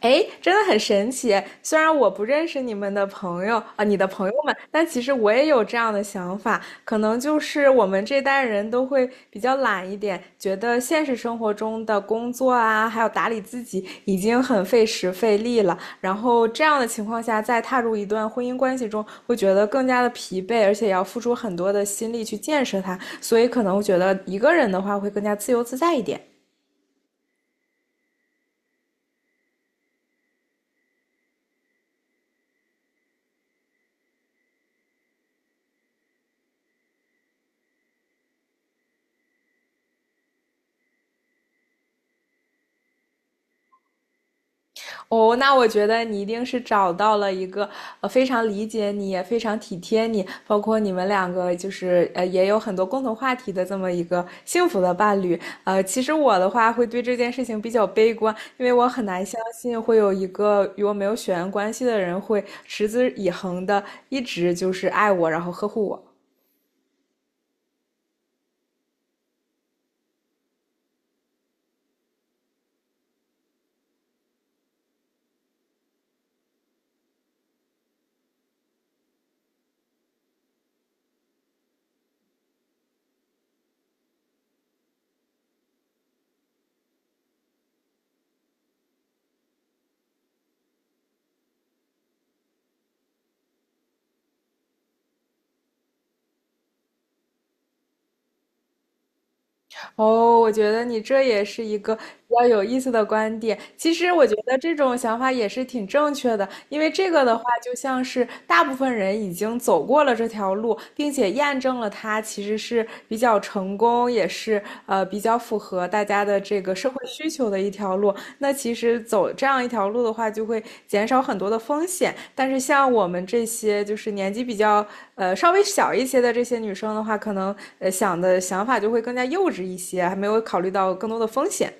哎，真的很神奇。虽然我不认识你们的朋友啊、你的朋友们，但其实我也有这样的想法。可能就是我们这代人都会比较懒一点，觉得现实生活中的工作啊，还有打理自己已经很费时费力了。然后这样的情况下，再踏入一段婚姻关系中，会觉得更加的疲惫，而且也要付出很多的心力去建设它。所以可能我觉得一个人的话会更加自由自在一点。哦，那我觉得你一定是找到了一个非常理解你，也非常体贴你，包括你们两个就是也有很多共同话题的这么一个幸福的伴侣。其实我的话会对这件事情比较悲观，因为我很难相信会有一个与我没有血缘关系的人会持之以恒的一直就是爱我，然后呵护我。哦，我觉得你这也是一个比较有意思的观点。其实我觉得这种想法也是挺正确的，因为这个的话，就像是大部分人已经走过了这条路，并且验证了它其实是比较成功，也是比较符合合大家的这个社会需求的一条路。那其实走这样一条路的话，就会减少很多的风险。但是像我们这些就是年纪比较稍微小一些的这些女生的话，可能想的想法就会更加幼稚一些，还没有考虑到更多的风险。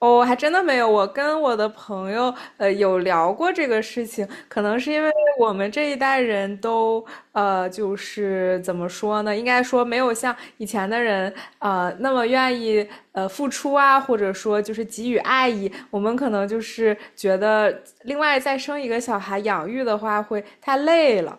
哦，还真的没有。我跟我的朋友，有聊过这个事情，可能是因为我们这一代人都，就是怎么说呢？应该说没有像以前的人，那么愿意，付出啊，或者说就是给予爱意。我们可能就是觉得，另外再生一个小孩养育的话会太累了。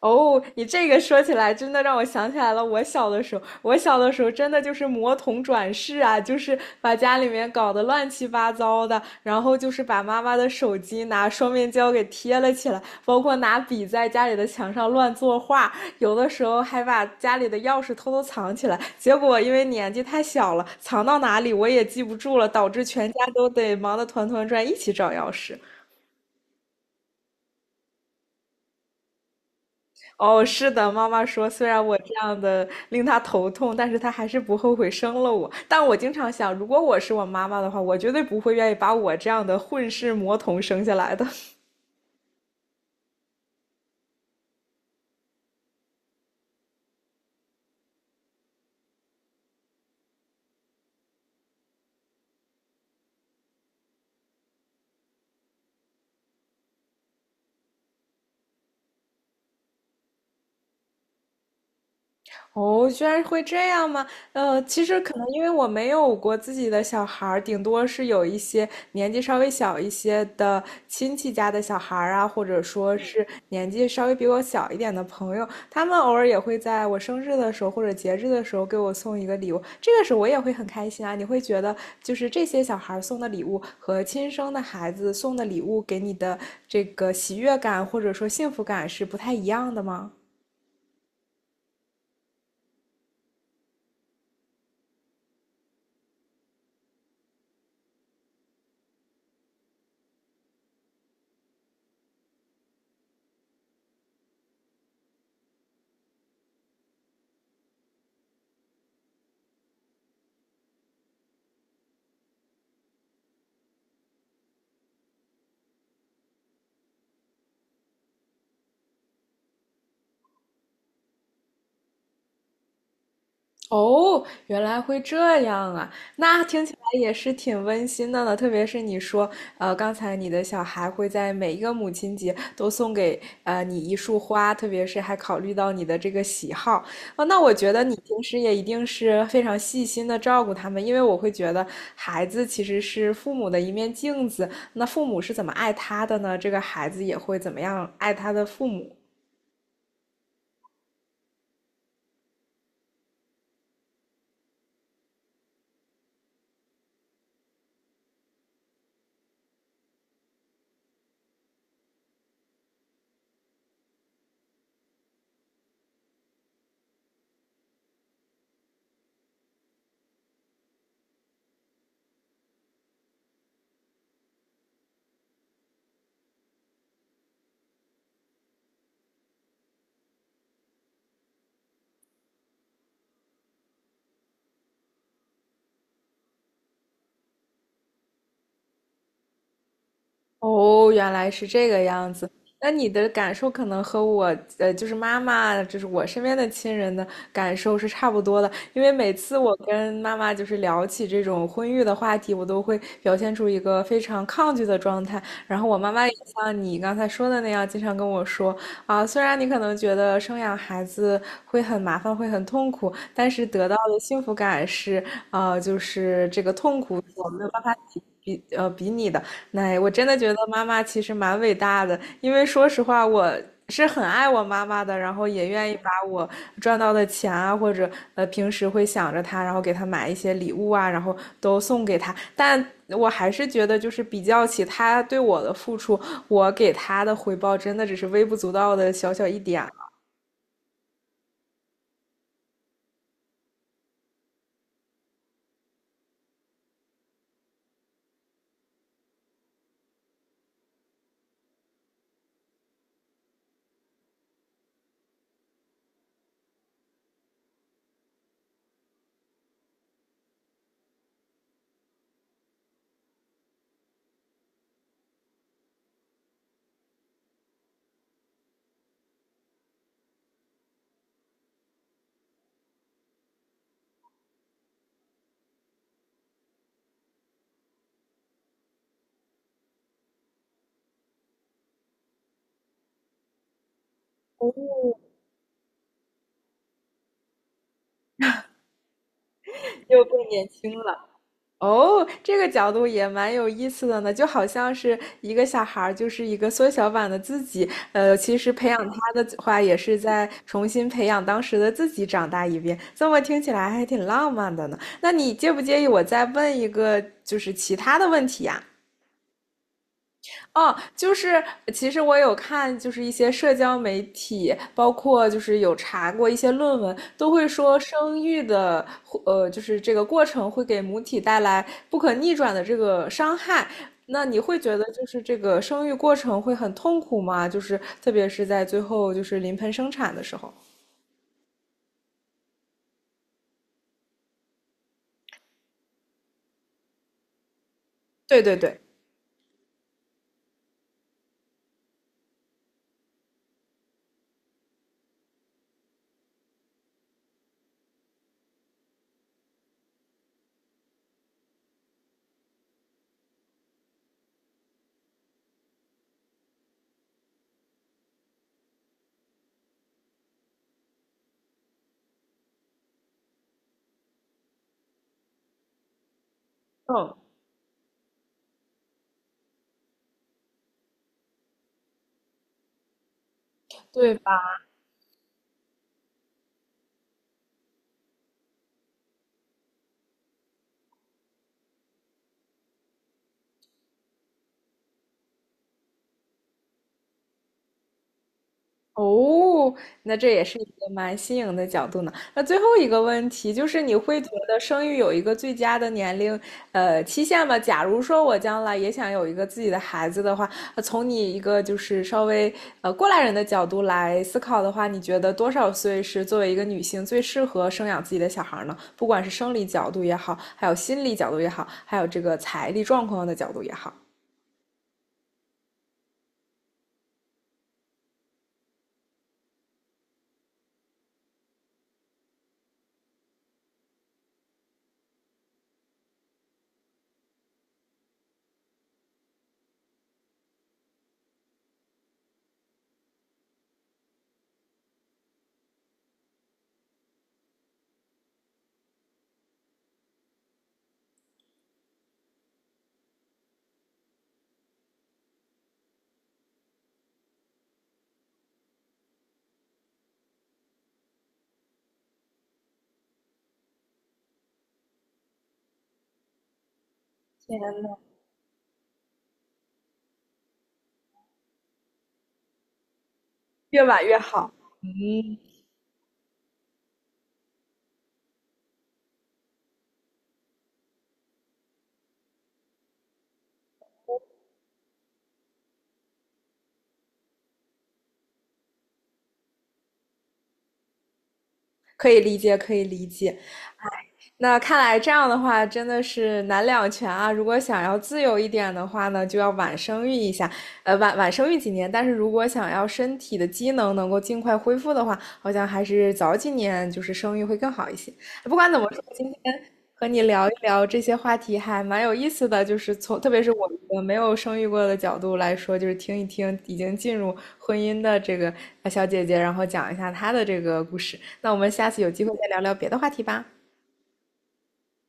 哦，你这个说起来，真的让我想起来了。我小的时候真的就是魔童转世啊，就是把家里面搞得乱七八糟的，然后就是把妈妈的手机拿双面胶给贴了起来，包括拿笔在家里的墙上乱作画，有的时候还把家里的钥匙偷偷藏起来。结果因为年纪太小了，藏到哪里我也记不住了，导致全家都得忙得团团转，一起找钥匙。哦，是的，妈妈说，虽然我这样的令她头痛，但是她还是不后悔生了我。但我经常想，如果我是我妈妈的话，我绝对不会愿意把我这样的混世魔童生下来的。哦，居然会这样吗？其实可能因为我没有过自己的小孩儿，顶多是有一些年纪稍微小一些的亲戚家的小孩儿啊，或者说是年纪稍微比我小一点的朋友，他们偶尔也会在我生日的时候或者节日的时候给我送一个礼物，这个时候我也会很开心啊。你会觉得就是这些小孩儿送的礼物和亲生的孩子送的礼物给你的这个喜悦感或者说幸福感是不太一样的吗？哦，原来会这样啊！那听起来也是挺温馨的呢。特别是你说，刚才你的小孩会在每一个母亲节都送给你一束花，特别是还考虑到你的这个喜好。哦，那我觉得你平时也一定是非常细心的照顾他们，因为我会觉得孩子其实是父母的一面镜子，那父母是怎么爱他的呢？这个孩子也会怎么样爱他的父母。哦，原来是这个样子。那你的感受可能和我，就是妈妈，就是我身边的亲人的感受是差不多的。因为每次我跟妈妈就是聊起这种婚育的话题，我都会表现出一个非常抗拒的状态。然后我妈妈也像你刚才说的那样，经常跟我说啊，虽然你可能觉得生养孩子会很麻烦，会很痛苦，但是得到的幸福感是，啊，就是这个痛苦我没有办法比拟的。哎，我真的觉得妈妈其实蛮伟大的，因为说实话，我是很爱我妈妈的，然后也愿意把我赚到的钱啊，或者平时会想着她，然后给她买一些礼物啊，然后都送给她。但我还是觉得，就是比较起她对我的付出，我给她的回报真的只是微不足道的小小一点儿。哦，又更年轻了。哦，这个角度也蛮有意思的呢，就好像是一个小孩儿，就是一个缩小版的自己。其实培养他的话，也是在重新培养当时的自己长大一遍。这么听起来还挺浪漫的呢。那你介不介意我再问一个，就是其他的问题呀？哦，就是其实我有看，就是一些社交媒体，包括就是有查过一些论文，都会说生育的，就是这个过程会给母体带来不可逆转的这个伤害。那你会觉得就是这个生育过程会很痛苦吗？就是特别是在最后就是临盆生产的时候。对对对，嗯，对。哦，那这也是一个蛮新颖的角度呢。那最后一个问题就是，你会觉得生育有一个最佳的年龄，期限吗？假如说我将来也想有一个自己的孩子的话，从你一个就是稍微过来人的角度来思考的话，你觉得多少岁是作为一个女性最适合生养自己的小孩呢？不管是生理角度也好，还有心理角度也好，还有这个财力状况的角度也好，天呐，越晚越好。嗯，可以理解，可以理解。那看来这样的话真的是难两全啊！如果想要自由一点的话呢，就要晚生育一下，晚生育几年。但是如果想要身体的机能能够尽快恢复的话，好像还是早几年就是生育会更好一些。不管怎么说，今天和你聊一聊这些话题还蛮有意思的，就是从特别是我一个没有生育过的角度来说，就是听一听已经进入婚姻的这个小姐姐，然后讲一下她的这个故事。那我们下次有机会再聊聊别的话题吧。